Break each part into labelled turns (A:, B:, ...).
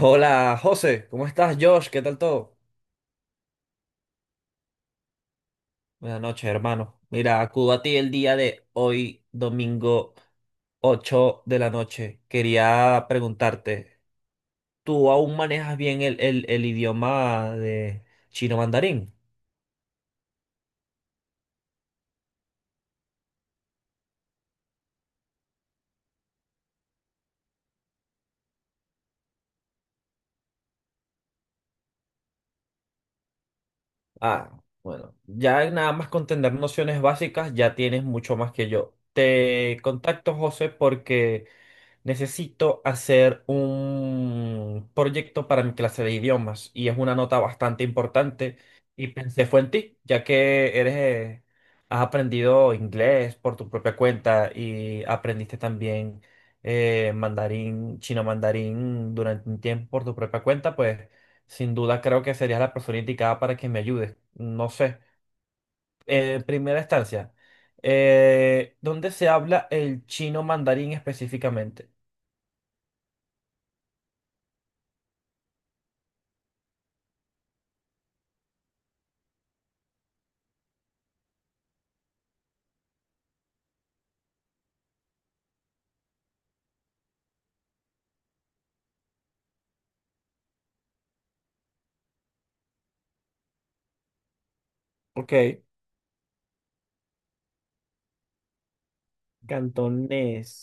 A: Hola José, ¿cómo estás Josh? ¿Qué tal todo? Buenas noches, hermano. Mira, acudo a ti el día de hoy, domingo 8 de la noche. Quería preguntarte, ¿tú aún manejas bien el idioma de chino mandarín? Ah, bueno, ya nada más con tener nociones básicas ya tienes mucho más que yo. Te contacto, José, porque necesito hacer un proyecto para mi clase de idiomas y es una nota bastante importante y pensé fue en ti, ya que eres, has aprendido inglés por tu propia cuenta y aprendiste también mandarín, chino mandarín durante un tiempo por tu propia cuenta, pues sin duda creo que serías la persona indicada para que me ayudes. No sé. En primera instancia, ¿dónde se habla el chino mandarín específicamente? Ok. Cantonés.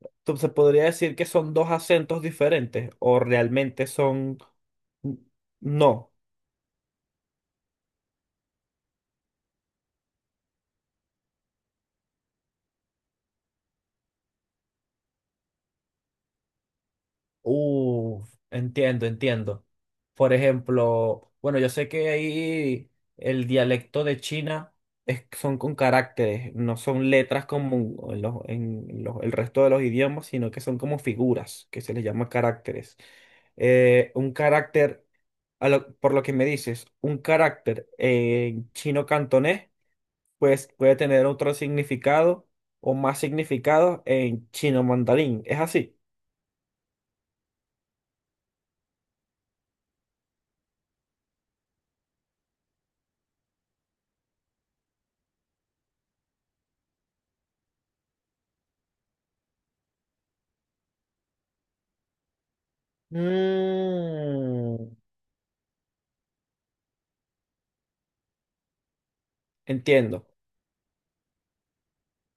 A: Entonces, ¿se podría decir que son dos acentos diferentes o realmente son... No. Uh, entiendo, entiendo. Por ejemplo, bueno, yo sé que ahí el dialecto de China es, son con caracteres, no son letras como en el resto de los idiomas, sino que son como figuras, que se les llama caracteres. Un carácter, por lo que me dices, un carácter en chino cantonés, pues puede tener otro significado o más significado en chino mandarín. ¿Es así? Mm, entiendo,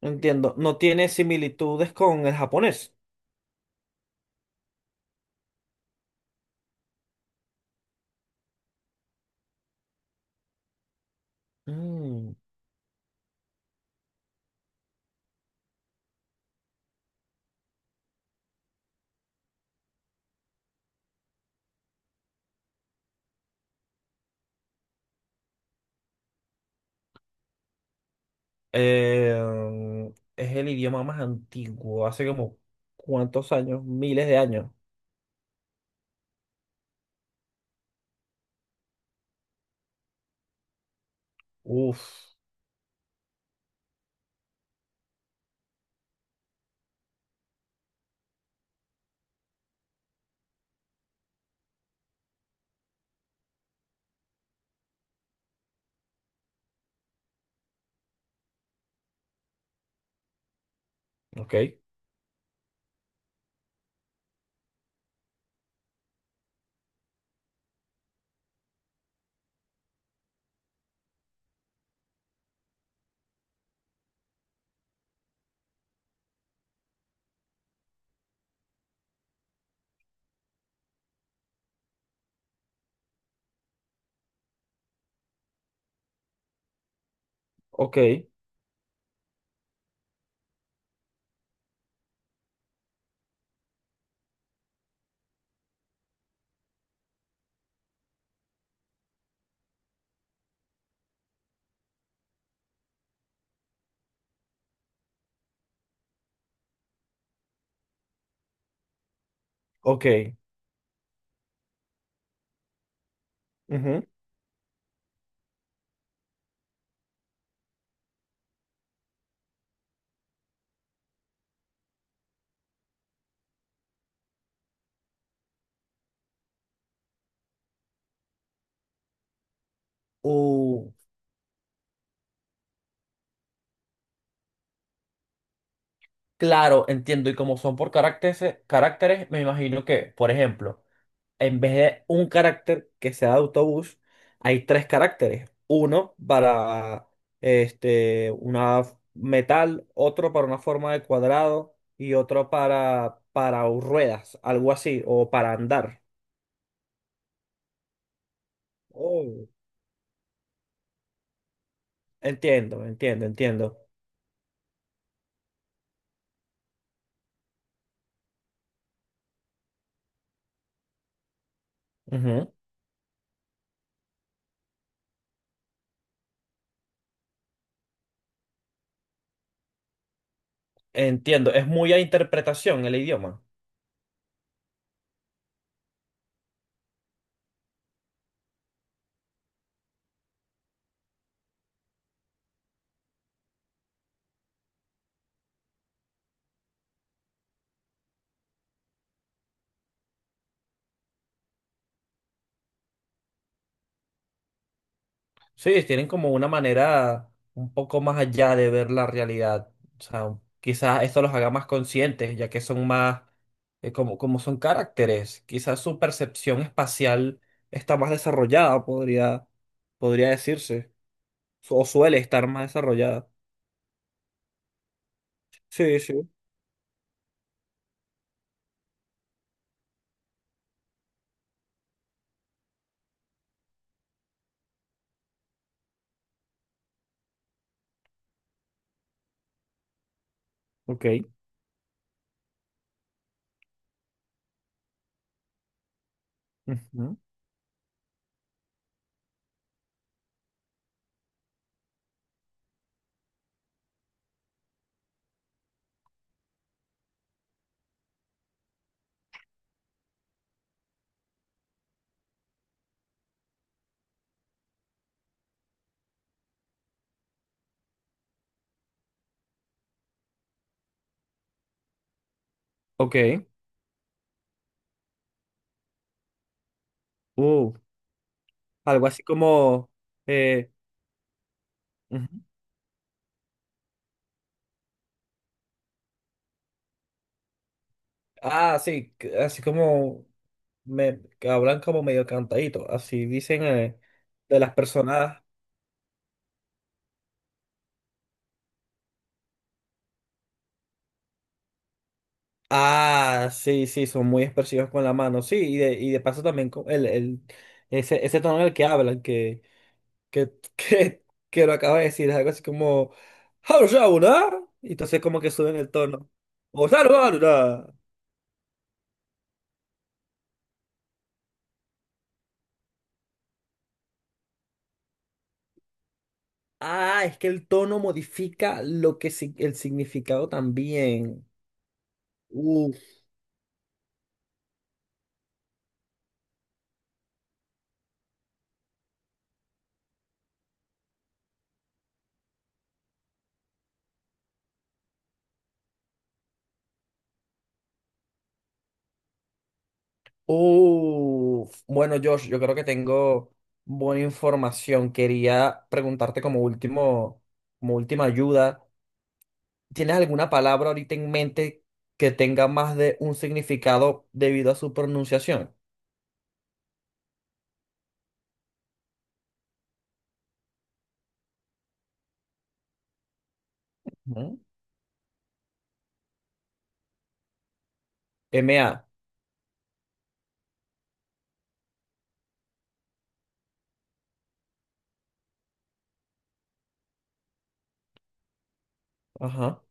A: entiendo. No tiene similitudes con el japonés. Mm, es el idioma más antiguo, hace como cuántos años, miles de años. Uf, ok, ok, ok. Ujú. Uh, claro, entiendo. Y como son por caracteres, caracteres, me imagino que, por ejemplo, en vez de un carácter que sea de autobús, hay tres caracteres. Uno para una metal, otro para una forma de cuadrado y otro para ruedas, algo así, o para andar. Oh. Entiendo, entiendo, entiendo. Ujú. Entiendo, es muy a interpretación el idioma. Sí, tienen como una manera un poco más allá de ver la realidad. O sea, quizás esto los haga más conscientes, ya que son más, como, como son caracteres. Quizás su percepción espacial está más desarrollada, podría, podría decirse. O suele estar más desarrollada. Sí, sí. Ok. Ujú. Ok. Uh, algo así como... eh, Ah, sí, así como me que hablan como medio cantadito, así dicen de las personas. Ah, sí, sí, son muy expresivos con la mano, sí, y de paso también con ese, ese tono en el que hablan, que, que, que lo acaba de decir, es algo así como, "Harusauna", y entonces como que suben el tono. O "Saruharuda". Ah, es que el tono modifica lo que, si el significado también. Uf, bueno, Josh, yo creo que tengo buena información. Quería preguntarte como último, como última ayuda, ¿tienes alguna palabra ahorita en mente que tenga más de un significado debido a su pronunciación? Ujú. MA, ajá.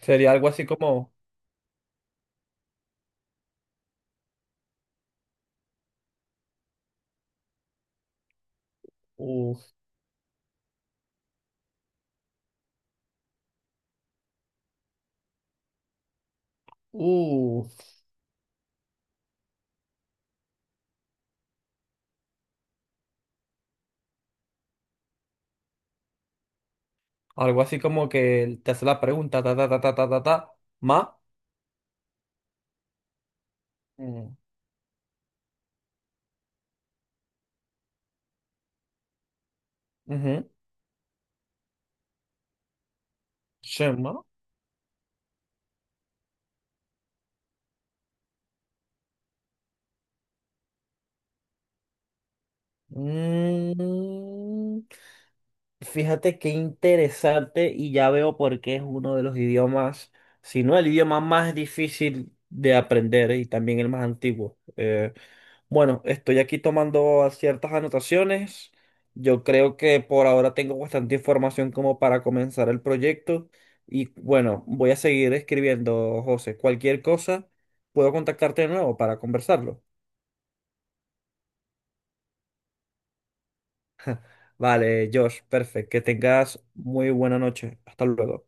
A: Sería algo así como, uf, uf, algo así como que te hace la pregunta, ta, ta, ta, ta, ta, ta, ta, ma, mm, ujú, shema, mm. Fíjate qué interesante y ya veo por qué es uno de los idiomas, si no el idioma más difícil de aprender y también el más antiguo. Bueno, estoy aquí tomando ciertas anotaciones. Yo creo que por ahora tengo bastante información como para comenzar el proyecto y bueno, voy a seguir escribiendo, José. Cualquier cosa, puedo contactarte de nuevo para conversarlo. Vale, Josh, perfecto. Que tengas muy buena noche. Hasta luego.